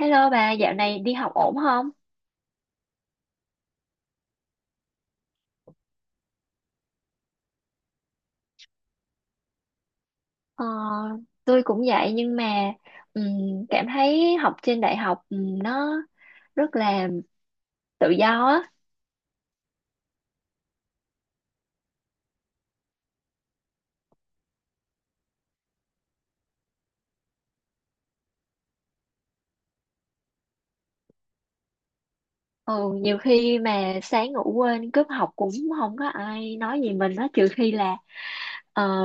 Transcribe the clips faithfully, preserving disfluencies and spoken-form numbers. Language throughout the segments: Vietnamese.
Hello bà, dạo này đi học ổn không? Ờ, tôi cũng vậy nhưng mà ừm, cảm thấy học trên đại học ừm, nó rất là tự do á. Ừ, nhiều khi mà sáng ngủ quên cúp học cũng không có ai nói gì mình á, trừ khi là ờ,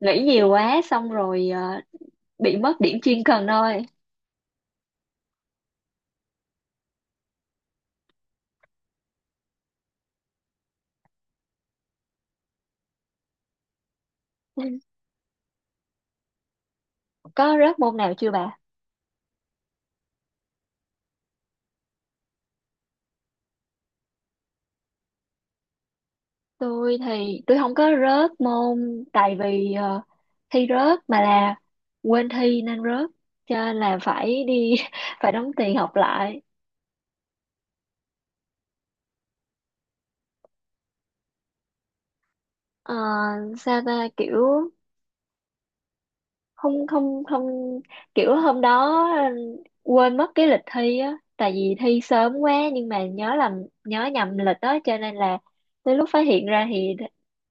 nghĩ nhiều quá xong rồi ờ, bị mất điểm chuyên cần thôi. Ừ, có rớt môn nào chưa bà? Tôi thì tôi không có rớt môn tại vì ờ, thi rớt mà là quên thi nên rớt, cho nên là phải đi phải đóng tiền học lại. Ờ, sao ta, kiểu không không không, kiểu hôm đó quên mất cái lịch thi á, tại vì thi sớm quá nhưng mà nhớ làm nhớ nhầm lịch đó, cho nên là tới lúc phát hiện ra thì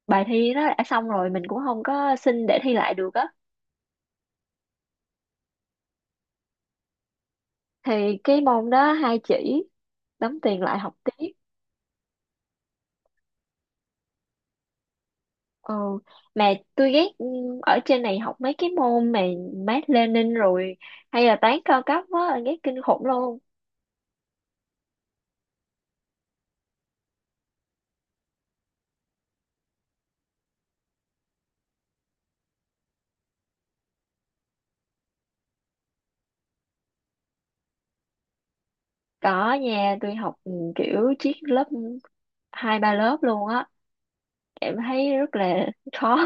bài thi nó đã xong rồi, mình cũng không có xin để thi lại được á. Thì cái môn đó hai chỉ, đóng tiền lại học tiếp. ừ. Mà tôi ghét ừ, ở trên này học mấy cái môn mà Mác Lênin rồi hay là toán cao cấp á, ghét kinh khủng luôn. Có, nhà tôi học ừ, kiểu chiếc lớp hai ba lớp luôn á. Em thấy rất là khó.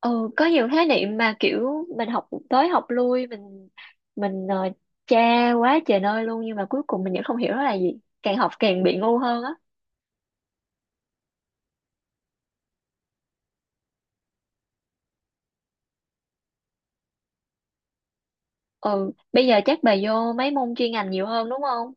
ừ có nhiều khái niệm mà kiểu mình học tới học lui, mình mình uh, tra quá trời nơi luôn, nhưng mà cuối cùng mình vẫn không hiểu nó là gì, càng học càng bị ngu hơn á. Ừ, bây giờ chắc bà vô mấy môn chuyên ngành nhiều hơn đúng không?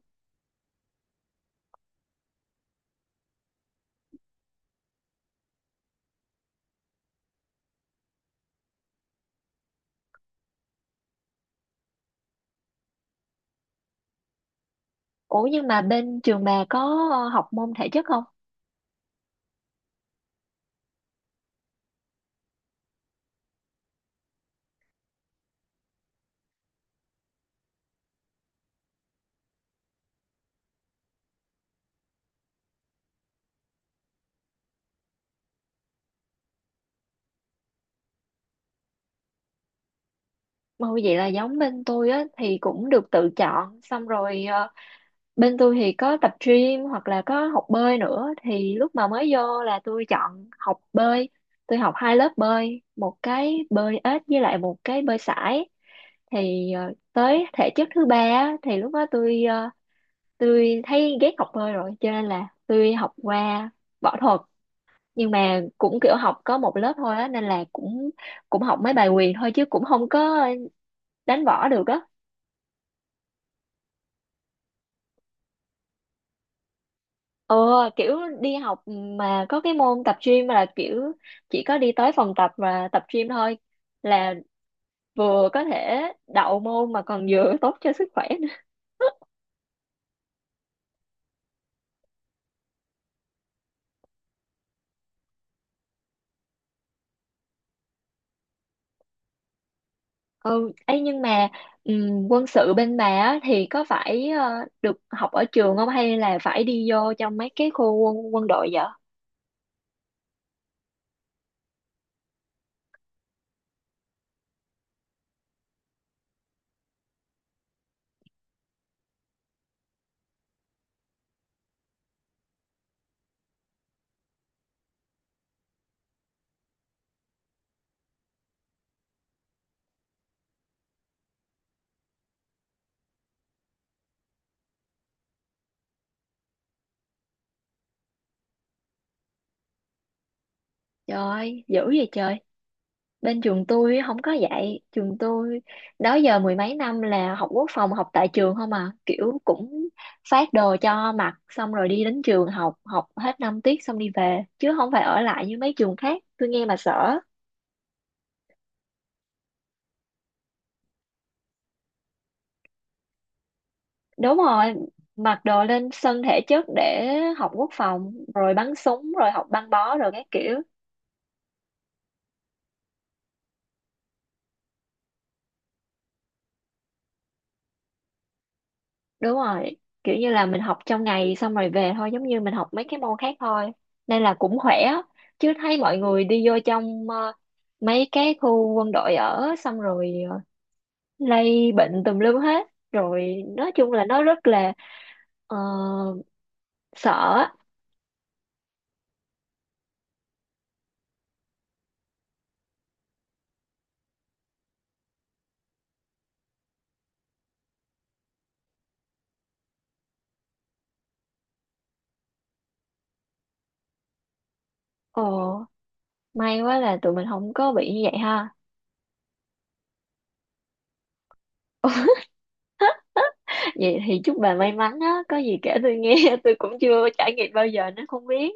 Ủa, nhưng mà bên trường bà có ờ, học môn thể chất không? Ôi vậy là giống bên tôi á, thì cũng được tự chọn, xong rồi ờ, bên tôi thì có tập gym hoặc là có học bơi nữa, thì lúc mà mới vô là tôi chọn học bơi. Tôi học hai lớp bơi, một cái bơi ếch với lại một cái bơi sải. Thì ờ, tới thể chất thứ ba á, thì lúc đó tôi ờ, tôi thấy ghét học bơi rồi cho nên là tôi học qua võ thuật, nhưng mà cũng kiểu học có một lớp thôi á, nên là cũng cũng học mấy bài quyền thôi chứ cũng không có đánh võ được á. ờ Kiểu đi học mà có cái môn tập gym là kiểu chỉ có đi tới phòng tập và tập gym thôi, là vừa có thể đậu môn mà còn vừa tốt cho sức khỏe nữa. ừ Ấy, nhưng mà ừm, quân sự bên bà á, thì có phải ờ, được học ở trường không hay là phải đi vô trong mấy cái khu quân, quân đội vậy? Trời ơi, dữ vậy trời. Bên trường tôi không có dạy. Trường tôi đó giờ mười mấy năm là học quốc phòng học tại trường không à, kiểu cũng phát đồ cho mặc xong rồi đi đến trường học, học hết năm tiết xong đi về chứ không phải ở lại như mấy trường khác, tôi nghe mà sợ. Đúng rồi, mặc đồ lên sân thể chất để học quốc phòng rồi bắn súng rồi học băng bó rồi các kiểu. Đúng rồi, kiểu như là mình học trong ngày xong rồi về thôi, giống như mình học mấy cái môn khác thôi. Nên là cũng khỏe á. Chứ thấy mọi người đi vô trong ờ, mấy cái khu quân đội ở, xong rồi ờ, lây bệnh tùm lum hết. Rồi nói chung là nó rất là ờ, sợ á. Ồ, may quá là tụi mình không có bị như vậy ha. Vậy thì chúc bà may mắn á, có gì kể tôi nghe, tôi cũng chưa trải nghiệm bao giờ nên không biết.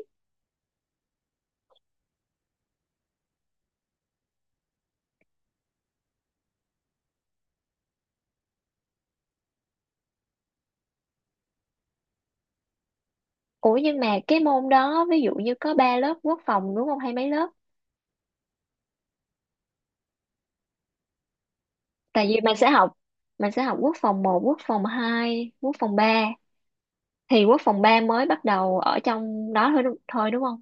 Ủa, nhưng mà cái môn đó ví dụ như có ba lớp quốc phòng đúng không hay mấy lớp? Tại vì mình sẽ học, mình sẽ học quốc phòng một, quốc phòng hai, quốc phòng ba, thì quốc phòng ba mới bắt đầu ở trong đó thôi đúng, thôi đúng không?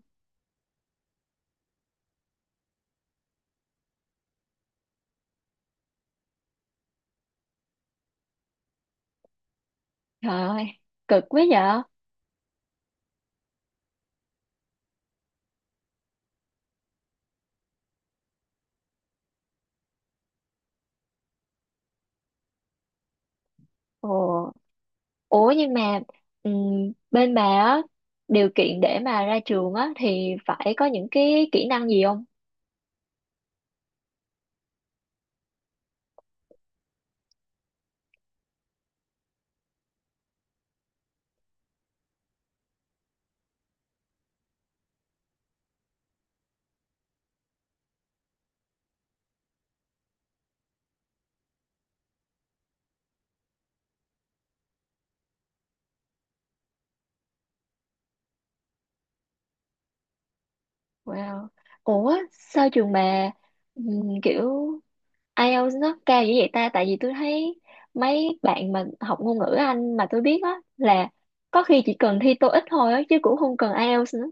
Trời ơi, cực quá vậy. Ồ, ủa nhưng mà ừm, bên bà á, điều kiện để mà ra trường á thì phải có những cái kỹ năng gì không? Wow. Ủa sao trường bà ừm, kiểu IELTS nó cao dữ vậy ta, tại vì tôi thấy mấy bạn mà học ngôn ngữ Anh mà tôi biết á là có khi chỉ cần thi TOEIC thôi á chứ cũng không cần IELTS nữa.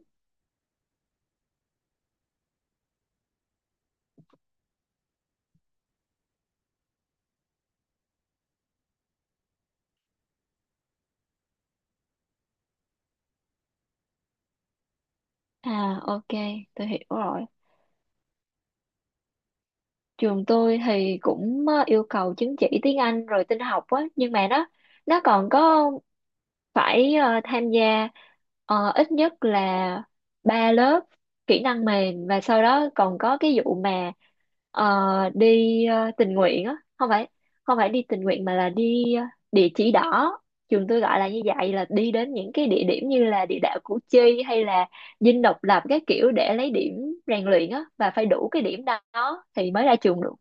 À, ok, tôi hiểu rồi. Trường tôi thì cũng ờ, yêu cầu chứng chỉ tiếng Anh rồi tin học á, nhưng mà nó nó còn có phải ờ, tham gia ờ, ít nhất là ba lớp kỹ năng mềm, và sau đó còn có cái vụ mà ờ, đi ờ, tình nguyện á, không phải không phải đi tình nguyện mà là đi ờ, địa chỉ đỏ, trường tôi gọi là như vậy, là đi đến những cái địa điểm như là địa đạo Củ Chi hay là Dinh Độc Lập các kiểu, để lấy điểm rèn luyện á, và phải đủ cái điểm đó thì mới ra trường được.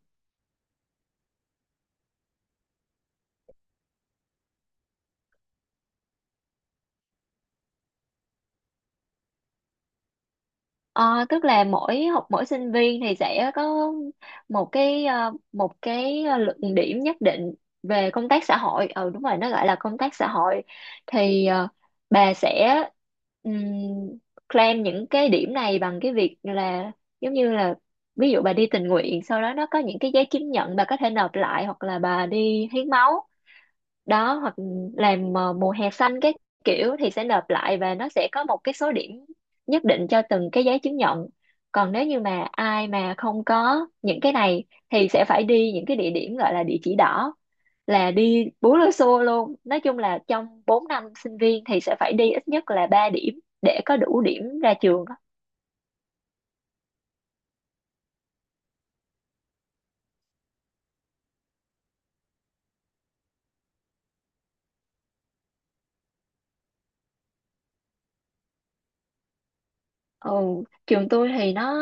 Ờ, tức là mỗi học mỗi sinh viên thì sẽ có một cái ờ, một cái luận điểm nhất định về công tác xã hội, ừ đúng rồi, nó gọi là công tác xã hội. Thì ờ, bà sẽ ừm, claim những cái điểm này bằng cái việc là, giống như là ví dụ bà đi tình nguyện, sau đó nó có những cái giấy chứng nhận bà có thể nộp lại, hoặc là bà đi hiến máu đó, hoặc làm ờ, mùa hè xanh cái kiểu, thì sẽ nộp lại và nó sẽ có một cái số điểm nhất định cho từng cái giấy chứng nhận. Còn nếu như mà ai mà không có những cái này thì sẽ phải đi những cái địa điểm gọi là địa chỉ đỏ, là đi bú lưu xô luôn. Nói chung là trong bốn năm sinh viên thì sẽ phải đi ít nhất là ba điểm để có đủ điểm ra trường á. ừ, Trường tôi thì nó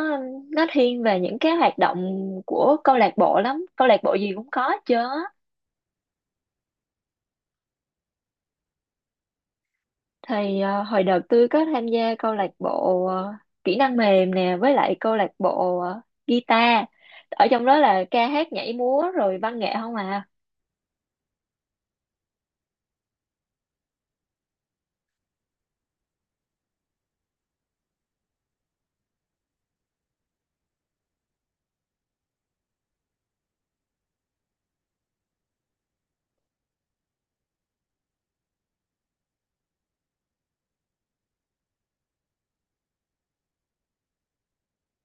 nó thiên về những cái hoạt động của câu lạc bộ lắm, câu lạc bộ gì cũng có chứ. Thì ờ, hồi đợt tôi có tham gia câu lạc bộ ờ, kỹ năng mềm nè, với lại câu lạc bộ ờ, guitar. Ở trong đó là ca hát nhảy múa rồi văn nghệ không à.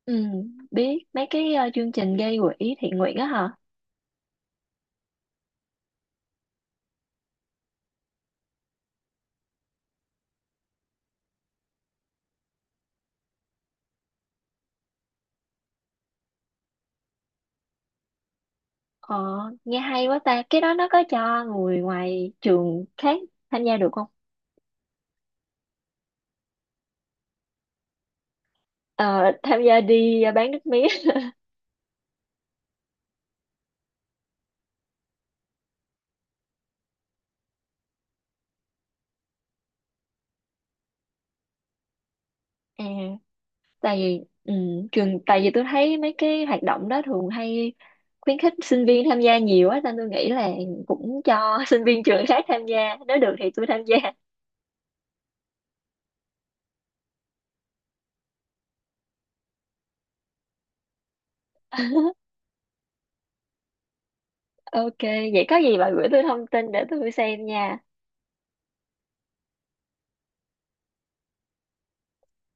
ừ Biết mấy cái ờ, chương trình gây quỹ thiện nguyện á hả. ờ Nghe hay quá ta, cái đó nó có cho người ngoài trường khác tham gia được không? Ờ, tham gia đi ờ, bán nước mía. À, tại vì ừ, trường tại vì tôi thấy mấy cái hoạt động đó thường hay khuyến khích sinh viên tham gia nhiều á, nên tôi nghĩ là cũng cho sinh viên trường khác tham gia, nếu được thì tôi tham gia. Ok, vậy có gì bà gửi tôi thông tin để tôi xem nha.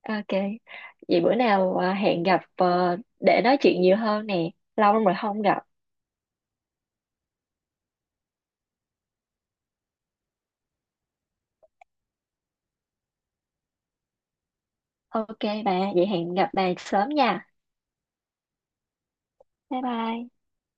Ok, vậy bữa nào à, hẹn gặp ờ, để nói chuyện nhiều hơn nè, lâu lắm rồi không gặp. Ok bà, vậy hẹn gặp bà sớm nha. Bye bye.